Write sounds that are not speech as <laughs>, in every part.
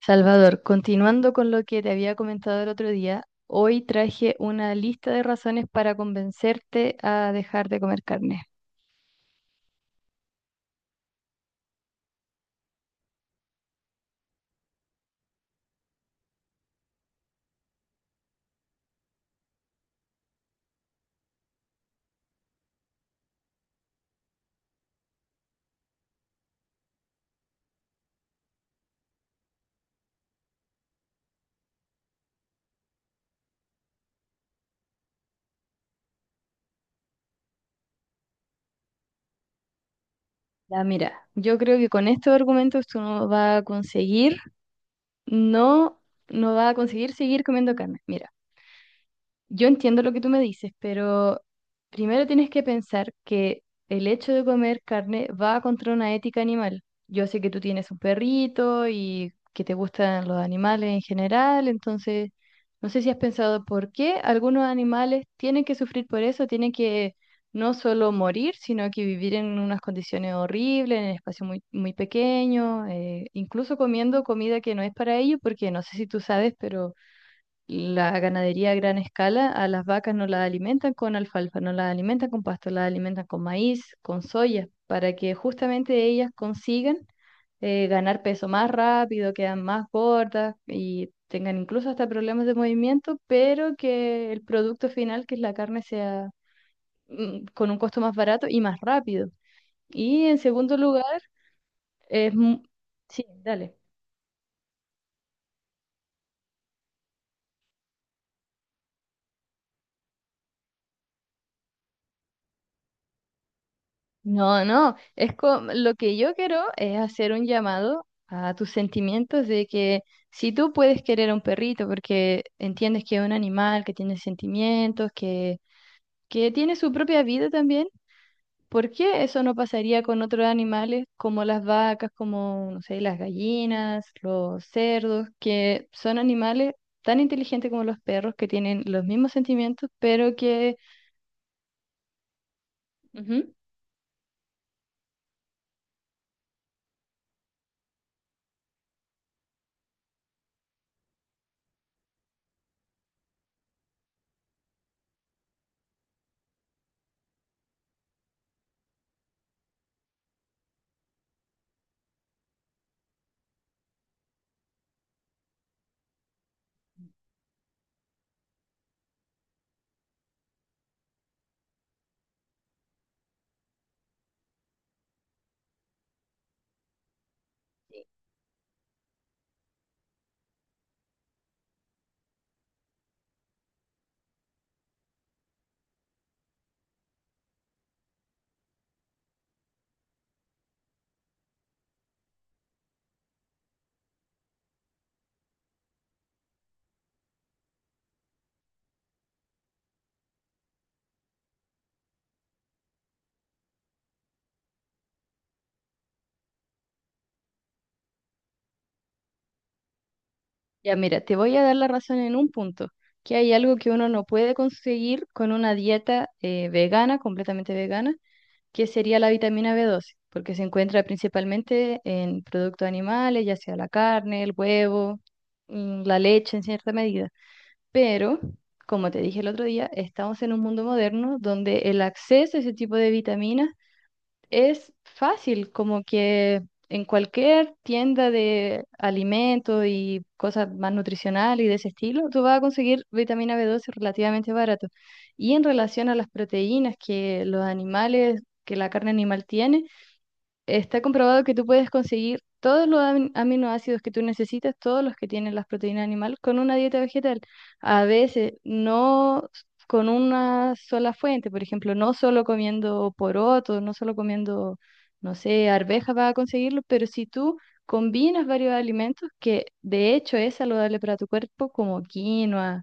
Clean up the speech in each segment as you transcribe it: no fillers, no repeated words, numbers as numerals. Salvador, continuando con lo que te había comentado el otro día, hoy traje una lista de razones para convencerte a dejar de comer carne. Ya, mira, yo creo que con estos argumentos tú no vas a conseguir, no, no vas a conseguir seguir comiendo carne. Mira. Yo entiendo lo que tú me dices, pero primero tienes que pensar que el hecho de comer carne va contra una ética animal. Yo sé que tú tienes un perrito y que te gustan los animales en general, entonces no sé si has pensado por qué algunos animales tienen que sufrir por eso, tienen que no solo morir, sino que vivir en unas condiciones horribles, en espacios muy, muy pequeños, incluso comiendo comida que no es para ellos, porque no sé si tú sabes, pero la ganadería a gran escala, a las vacas no las alimentan con alfalfa, no las alimentan con pasto, las alimentan con maíz, con soya, para que justamente ellas consigan ganar peso más rápido, quedan más gordas y tengan incluso hasta problemas de movimiento, pero que el producto final, que es la carne, sea con un costo más barato y más rápido. Y en segundo lugar, es... mu- sí, dale. No, no, lo que yo quiero es hacer un llamado a tus sentimientos de que si tú puedes querer a un perrito porque entiendes que es un animal, que tiene sentimientos, que tiene su propia vida también, ¿por qué eso no pasaría con otros animales como las vacas, como, no sé, las gallinas, los cerdos, que son animales tan inteligentes como los perros, que tienen los mismos sentimientos, pero que... Ya, mira, te voy a dar la razón en un punto, que hay algo que uno no puede conseguir con una dieta vegana, completamente vegana, que sería la vitamina B12, porque se encuentra principalmente en productos animales, ya sea la carne, el huevo, la leche en cierta medida. Pero, como te dije el otro día, estamos en un mundo moderno donde el acceso a ese tipo de vitaminas es fácil, como que en cualquier tienda de alimentos y cosas más nutricionales y de ese estilo, tú vas a conseguir vitamina B12 relativamente barato. Y en relación a las proteínas que los animales, que la carne animal tiene, está comprobado que tú puedes conseguir todos los aminoácidos que tú necesitas, todos los que tienen las proteínas animal, con una dieta vegetal. A veces no s- con una sola fuente, por ejemplo, no solo comiendo porotos, no solo comiendo, no sé, arvejas vas a conseguirlo, pero si tú combinas varios alimentos que de hecho es saludable para tu cuerpo, como quinoa,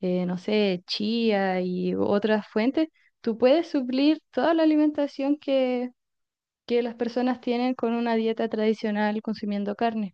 no sé, chía y otras fuentes, tú puedes suplir toda la alimentación que las personas tienen con una dieta tradicional consumiendo carne.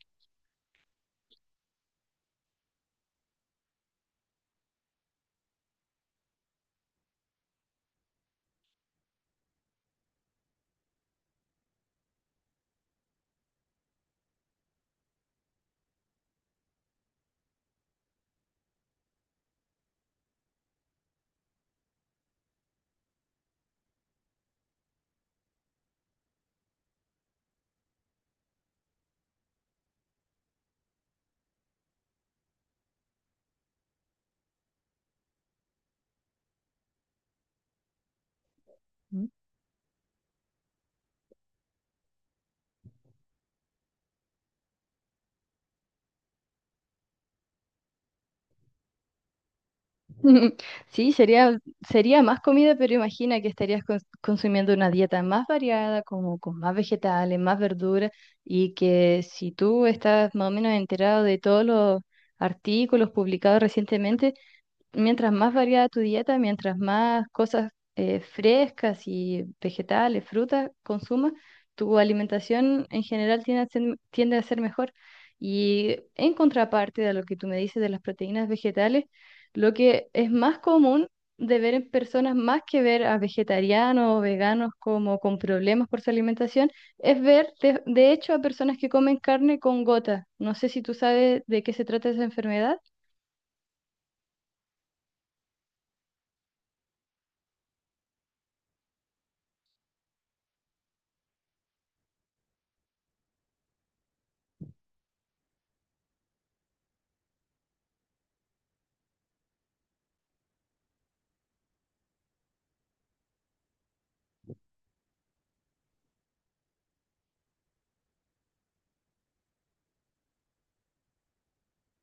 Mm. <laughs> Sí, sería, sería más comida, pero imagina que estarías consumiendo una dieta más variada, como con más vegetales, más verduras, y que si tú estás más o menos enterado de todos los artículos publicados recientemente, mientras más variada tu dieta, mientras más cosas frescas y vegetales, frutas consumas, tu alimentación en general tiende a ser mejor. Y en contraparte de lo que tú me dices de las proteínas vegetales, lo que es más común de ver en personas, más que ver a vegetarianos o veganos como con problemas por su alimentación, es ver de hecho a personas que comen carne con gota. No sé si tú sabes de qué se trata esa enfermedad.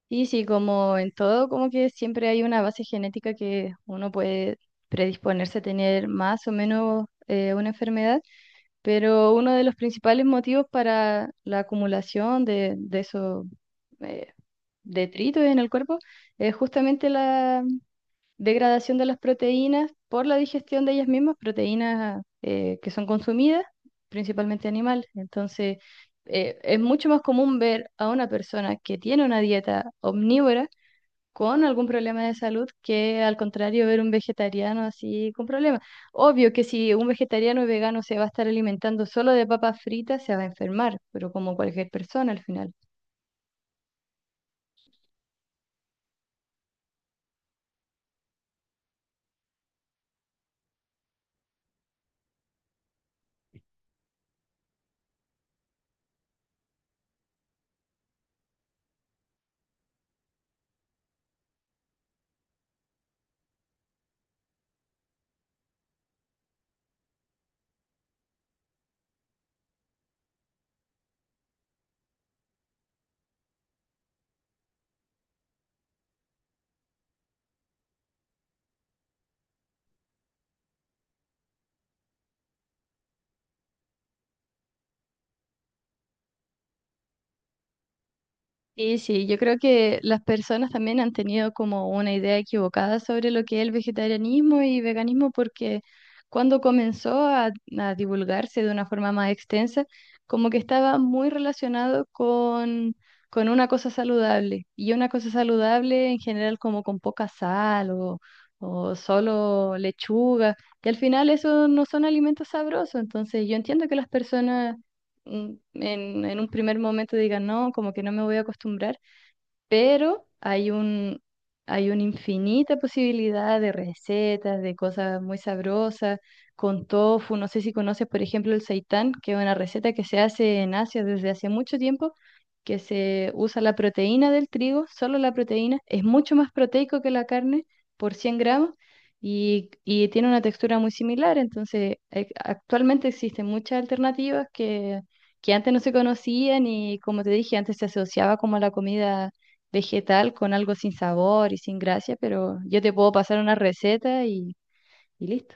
Sí, sí, como en todo, como que siempre hay una base genética que uno puede predisponerse a tener más o menos una enfermedad, pero uno de los principales motivos para la acumulación de esos eh, detritos en el cuerpo es justamente la degradación de las proteínas por la digestión de ellas mismas, proteínas que son consumidas, principalmente animales. Entonces, es mucho más común ver a una persona que tiene una dieta omnívora con algún problema de salud que al contrario ver un vegetariano así con problemas. Obvio que si un vegetariano o vegano se va a estar alimentando solo de papas fritas, se va a enfermar, pero como cualquier persona al final. Sí, sí, yo creo que las personas también han tenido como una idea equivocada sobre lo que es el vegetarianismo y veganismo porque cuando comenzó a divulgarse de una forma más extensa, como que estaba muy relacionado con una cosa saludable y una cosa saludable en general como con poca sal o solo lechuga, y al final eso no son alimentos sabrosos, entonces yo entiendo que las personas en un primer momento diga no, como que no me voy a acostumbrar, pero hay una infinita posibilidad de recetas, de cosas muy sabrosas, con tofu. No sé si conoces, por ejemplo, el seitán, que es una receta que se hace en Asia desde hace mucho tiempo, que se usa la proteína del trigo, solo la proteína. Es mucho más proteico que la carne por 100 gramos. Y tiene una textura muy similar, entonces actualmente existen muchas alternativas que antes no se conocían y como te dije, antes se asociaba como a la comida vegetal con algo sin sabor y sin gracia, pero yo te puedo pasar una receta y listo.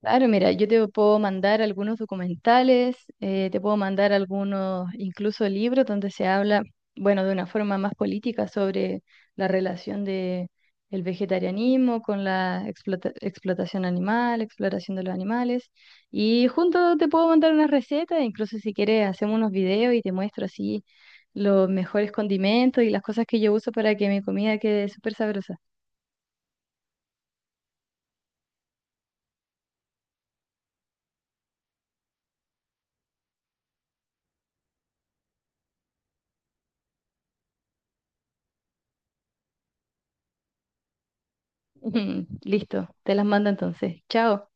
Claro, mira, yo te puedo mandar algunos documentales, te puedo mandar algunos, incluso libros donde se habla, bueno, de una forma más política sobre la relación de el vegetarianismo con la explotación animal, exploración de los animales. Y junto te puedo mandar unas recetas, incluso si quieres hacemos unos videos y te muestro así los mejores condimentos y las cosas que yo uso para que mi comida quede súper sabrosa. <laughs> Listo, te las mando entonces. Chao.